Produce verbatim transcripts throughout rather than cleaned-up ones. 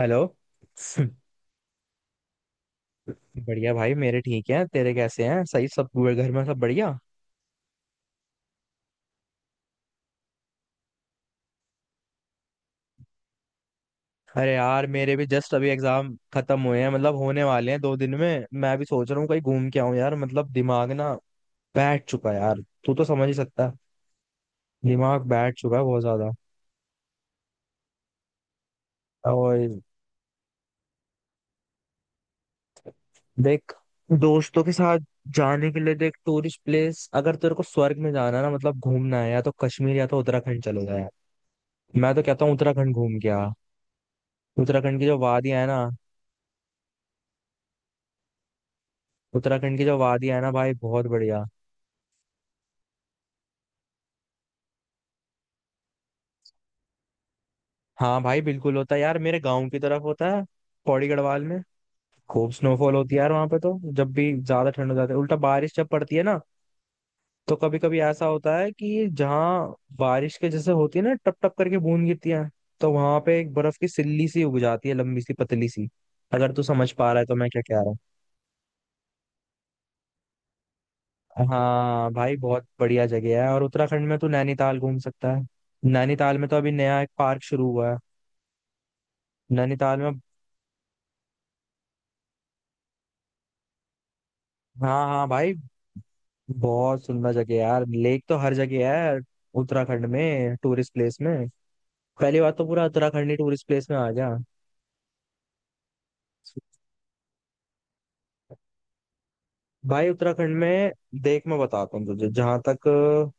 Hello बढ़िया भाई मेरे ठीक हैं, तेरे कैसे हैं? सही? सब हुए घर में सब बढ़िया? अरे यार मेरे भी जस्ट अभी एग्जाम खत्म हुए हैं, मतलब होने वाले हैं दो दिन में। मैं भी सोच रहा हूँ कहीं घूम के आऊं यार, मतलब दिमाग ना बैठ चुका है यार। तू तो समझ ही सकता है, दिमाग बैठ चुका है बहुत ज्यादा। और देख, दोस्तों के साथ जाने के लिए देख टूरिस्ट प्लेस, अगर तेरे को स्वर्ग में जाना है ना मतलब घूमना है, या तो कश्मीर या तो उत्तराखंड चले जाए। मैं तो कहता हूँ उत्तराखंड घूम के आ। उत्तराखंड की जो वादियां है ना, उत्तराखंड की जो वादियां है ना भाई बहुत बढ़िया। हाँ भाई बिल्कुल होता है यार, मेरे गांव की तरफ होता है, पौड़ी गढ़वाल में। खूब स्नोफॉल होती है यार वहां पे। तो जब भी ज्यादा ठंड हो जाती है उल्टा बारिश जब पड़ती है ना, तो कभी कभी ऐसा होता है कि जहाँ बारिश के जैसे होती है ना, टप टप करके बूंद गिरती है, तो वहां पे एक बर्फ की सिल्ली सी उग जाती है, लंबी सी पतली सी। अगर तू समझ पा रहा है तो मैं क्या कह रहा हूँ। हाँ भाई बहुत बढ़िया जगह है। और उत्तराखंड में तू नैनीताल घूम सकता है। नैनीताल में तो अभी नया एक पार्क शुरू हुआ है। नैनीताल में? हाँ हाँ भाई, बहुत सुंदर जगह है यार। लेक तो हर जगह है यार उत्तराखंड में, टूरिस्ट प्लेस में। पहली बात तो पूरा उत्तराखंड ही टूरिस्ट प्लेस में आ गया। भाई उत्तराखंड में देख मैं बताता हूँ तुझे, जहां तक अ,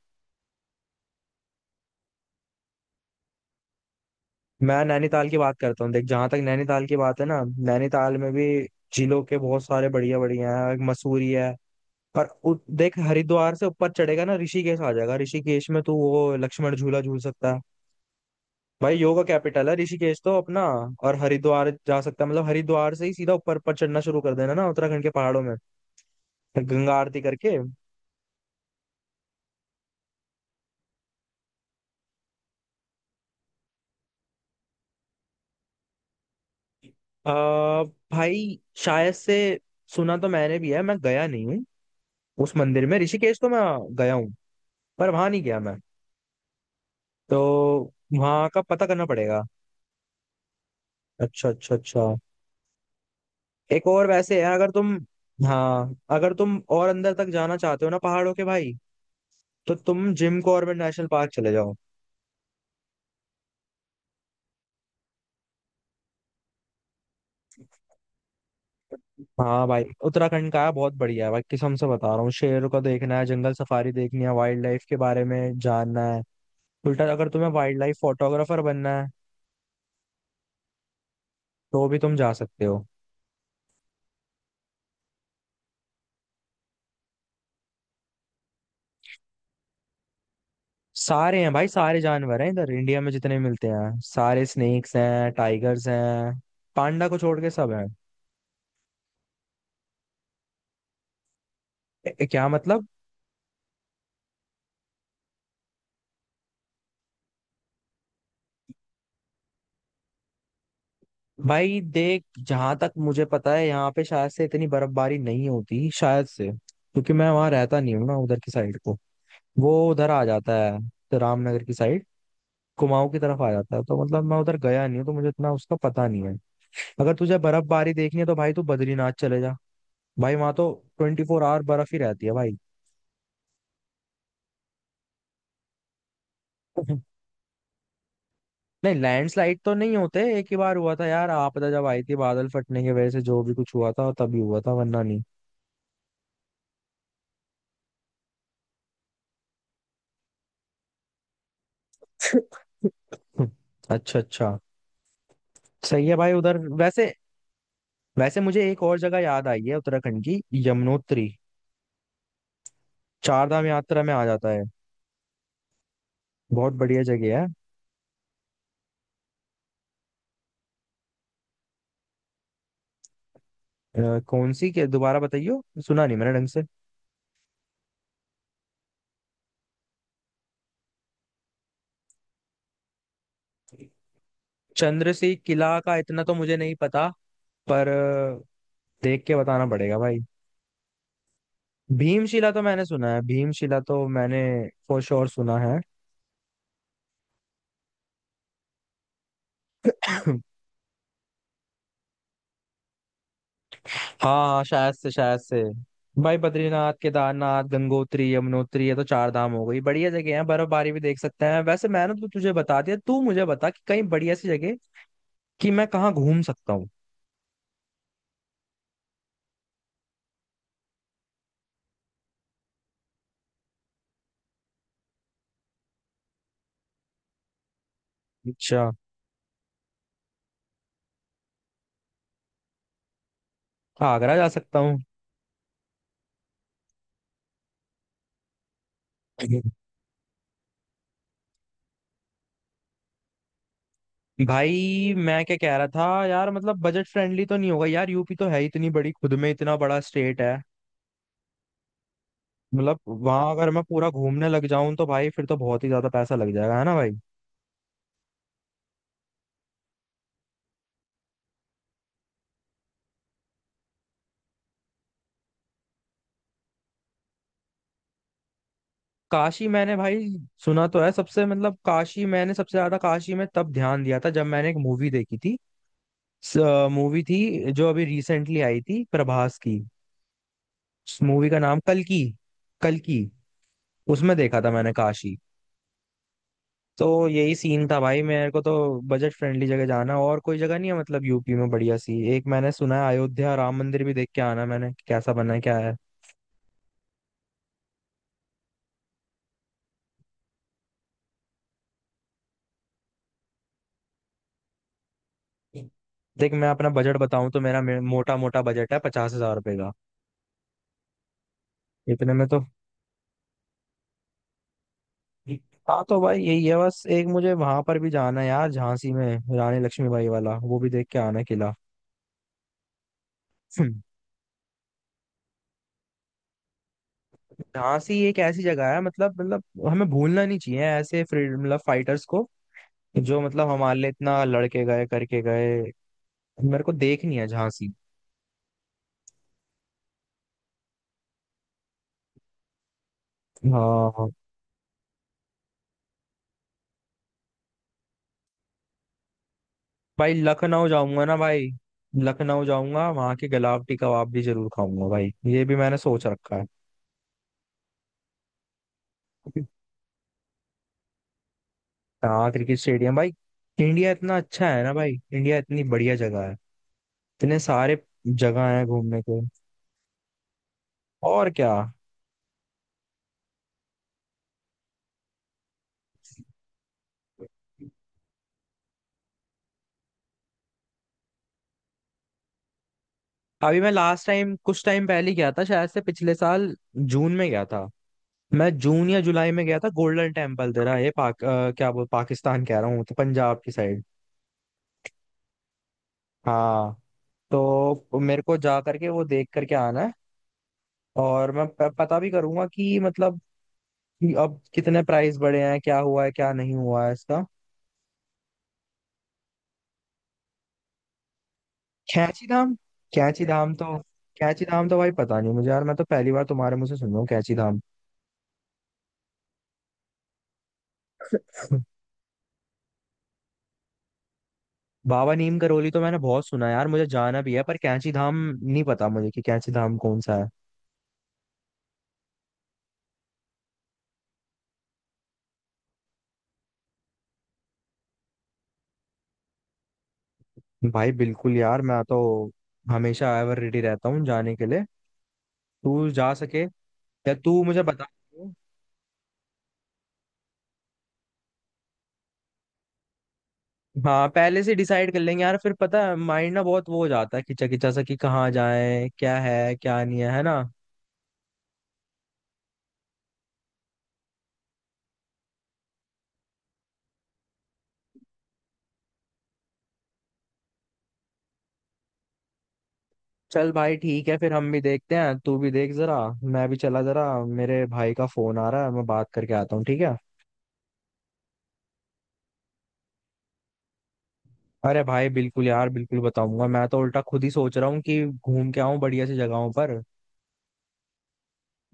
मैं नैनीताल की बात करता हूँ। देख जहां तक नैनीताल की बात है ना, नैनीताल में भी जिलों के बहुत सारे बढ़िया बढ़िया है, मसूरी है। पर उ- देख हरिद्वार से ऊपर चढ़ेगा ना ऋषिकेश आ जाएगा। ऋषिकेश में तू वो लक्ष्मण झूला झूल सकता है। भाई योगा कैपिटल है ऋषिकेश तो अपना। और हरिद्वार जा सकता है, मतलब हरिद्वार से ही सीधा ऊपर पर चढ़ना शुरू कर देना ना उत्तराखंड के पहाड़ों में, गंगा आरती करके। आ, भाई शायद से सुना तो मैंने भी है, मैं गया नहीं हूँ उस मंदिर में। ऋषिकेश तो मैं गया हूँ, पर वहां नहीं गया मैं। तो वहां का पता करना पड़ेगा। अच्छा अच्छा अच्छा। एक और वैसे है, अगर तुम, हाँ अगर तुम और अंदर तक जाना चाहते हो ना पहाड़ों के भाई, तो तुम जिम कॉर्बेट नेशनल पार्क चले जाओ। हाँ भाई उत्तराखंड का है, बहुत बढ़िया है भाई, कसम से बता रहा हूँ। शेर को देखना है, जंगल सफारी देखनी है, वाइल्ड लाइफ के बारे में जानना है, उल्टा अगर तुम्हें वाइल्ड लाइफ फोटोग्राफर बनना है तो भी तुम जा सकते हो। सारे हैं भाई, सारे जानवर हैं इधर इंडिया में जितने मिलते हैं सारे। स्नेक्स हैं, टाइगर्स हैं, पांडा को छोड़ के सब हैं। ए- क्या मतलब? भाई देख, जहां तक मुझे पता है यहाँ पे शायद से इतनी बर्फबारी नहीं होती शायद से, क्योंकि मैं वहां रहता नहीं हूँ ना उधर की साइड को। वो उधर आ जाता है, तो रामनगर की साइड, कुमाऊं की तरफ आ जाता है, तो मतलब मैं उधर गया नहीं हूँ तो मुझे इतना उसका पता नहीं है। अगर तुझे बर्फबारी देखनी है तो भाई तू बद्रीनाथ चले जा। भाई वहां तो ट्वेंटी फोर आवर बर्फ ही रहती है भाई। नहीं लैंडस्लाइड तो नहीं होते, एक ही बार हुआ था यार आपदा जब आई थी, बादल फटने की वजह से जो भी कुछ हुआ था तभी हुआ था, वरना नहीं। अच्छा अच्छा, सही है भाई उधर वैसे। वैसे मुझे एक और जगह याद आई है उत्तराखंड की, यमुनोत्री। चार धाम यात्रा में आ जाता है, बहुत बढ़िया जगह है। अ, कौन सी के दोबारा बताइयो, सुना नहीं मैंने ढंग से। चंद्रसेन किला का इतना तो मुझे नहीं पता, पर अ, देख के बताना पड़ेगा भाई। भीमशिला तो मैंने सुना है, भीमशिला तो मैंने फॉर श्योर सुना है। हाँ हाँ, शायद से शायद से। भाई बद्रीनाथ, केदारनाथ, गंगोत्री, यमुनोत्री, ये तो चार धाम हो गई। बढ़िया जगह है, बर्फबारी भी देख सकते हैं। वैसे मैंने तो तुझे बता दिया, तू मुझे बता कि कहीं बढ़िया सी जगह, कि मैं कहाँ घूम सकता हूँ। अच्छा, आगरा जा सकता हूँ? भाई मैं क्या कह रहा था यार, मतलब बजट फ्रेंडली तो नहीं होगा यार। यूपी तो है ही इतनी बड़ी, खुद में इतना बड़ा स्टेट है। मतलब वहां अगर मैं पूरा घूमने लग जाऊं तो भाई फिर तो बहुत ही ज्यादा पैसा लग जाएगा, है ना भाई। काशी मैंने भाई सुना तो है सबसे, मतलब काशी मैंने सबसे ज्यादा काशी में तब ध्यान दिया था जब मैंने एक मूवी देखी थी। मूवी थी जो अभी रिसेंटली आई थी प्रभास की, मूवी का नाम कल्कि, कल्कि। उसमें देखा था मैंने काशी। तो यही सीन था भाई मेरे को तो, बजट फ्रेंडली जगह जाना। और कोई जगह नहीं है मतलब यूपी में बढ़िया सी? एक मैंने सुना है अयोध्या राम मंदिर, भी देख के आना मैंने कैसा बना है क्या है। देख मैं अपना बजट बताऊं तो मेरा मोटा मोटा बजट है पचास हजार रुपए का। इतने में तो, हाँ तो भाई यही है। बस एक मुझे वहां पर भी जाना है यार, झांसी में रानी लक्ष्मीबाई वाला वो भी देख के आना किला। हम्म। झांसी एक ऐसी जगह है मतलब मतलब हमें भूलना नहीं चाहिए ऐसे फ्रीडम मतलब फाइटर्स को, जो मतलब हमारे लिए इतना लड़के गए करके गए। मेरे को देखनी है झांसी। हाँ। भाई लखनऊ जाऊंगा ना भाई, लखनऊ जाऊंगा वहां के गलावटी कबाब भी जरूर खाऊंगा भाई, ये भी मैंने सोच रखा है। हाँ क्रिकेट स्टेडियम भाई। इंडिया इतना अच्छा है ना भाई, इंडिया इतनी बढ़िया जगह है, इतने सारे जगह है घूमने को। और क्या। अभी मैं लास्ट टाइम कुछ टाइम पहले ही गया था, शायद से पिछले साल जून में गया था, मैं जून या जुलाई में गया था, गोल्डन टेम्पल। तेरा ये पाक, अ, क्या बोल, पाकिस्तान कह रहा हूँ तो, पंजाब की साइड। हाँ, तो मेरे को जा करके वो देख करके आना है। और मैं प- पता भी करूंगा कि मतलब, कि अब कितने प्राइस बढ़े हैं, क्या हुआ है क्या नहीं हुआ है इसका। कैंची धाम? कैंची धाम तो कैंची धाम तो भाई पता नहीं मुझे यार, मैं तो पहली बार तुम्हारे मुंह से सुन रहा हूँ कैंची धाम। बाबा नीम करोली तो मैंने बहुत सुना है यार, मुझे जाना भी है, पर कैंची धाम नहीं पता मुझे कि कैंची धाम कौन सा है। भाई बिल्कुल यार, मैं तो हमेशा एवर रेडी रहता हूँ जाने के लिए। तू जा सके या तू मुझे बता। हाँ पहले से डिसाइड कर लेंगे यार, फिर पता है माइंड ना बहुत वो हो जाता है खिंचा खिंचा सा, कि कहाँ जाए क्या है क्या नहीं है, है ना। चल भाई ठीक है, फिर हम भी देखते हैं तू भी देख जरा। मैं भी चला जरा, मेरे भाई का फोन आ रहा है, मैं बात करके आता हूँ ठीक है। अरे भाई बिल्कुल यार, बिल्कुल बताऊंगा, मैं तो उल्टा खुद ही सोच रहा हूँ कि घूम के आऊँ बढ़िया सी जगहों पर।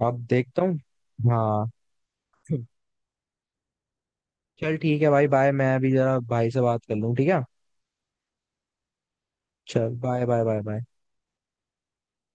अब देखता हूँ। हाँ। चल ठीक है भाई, बाय। मैं अभी जरा भाई से बात कर लूँ ठीक है। चल बाय बाय बाय बाय।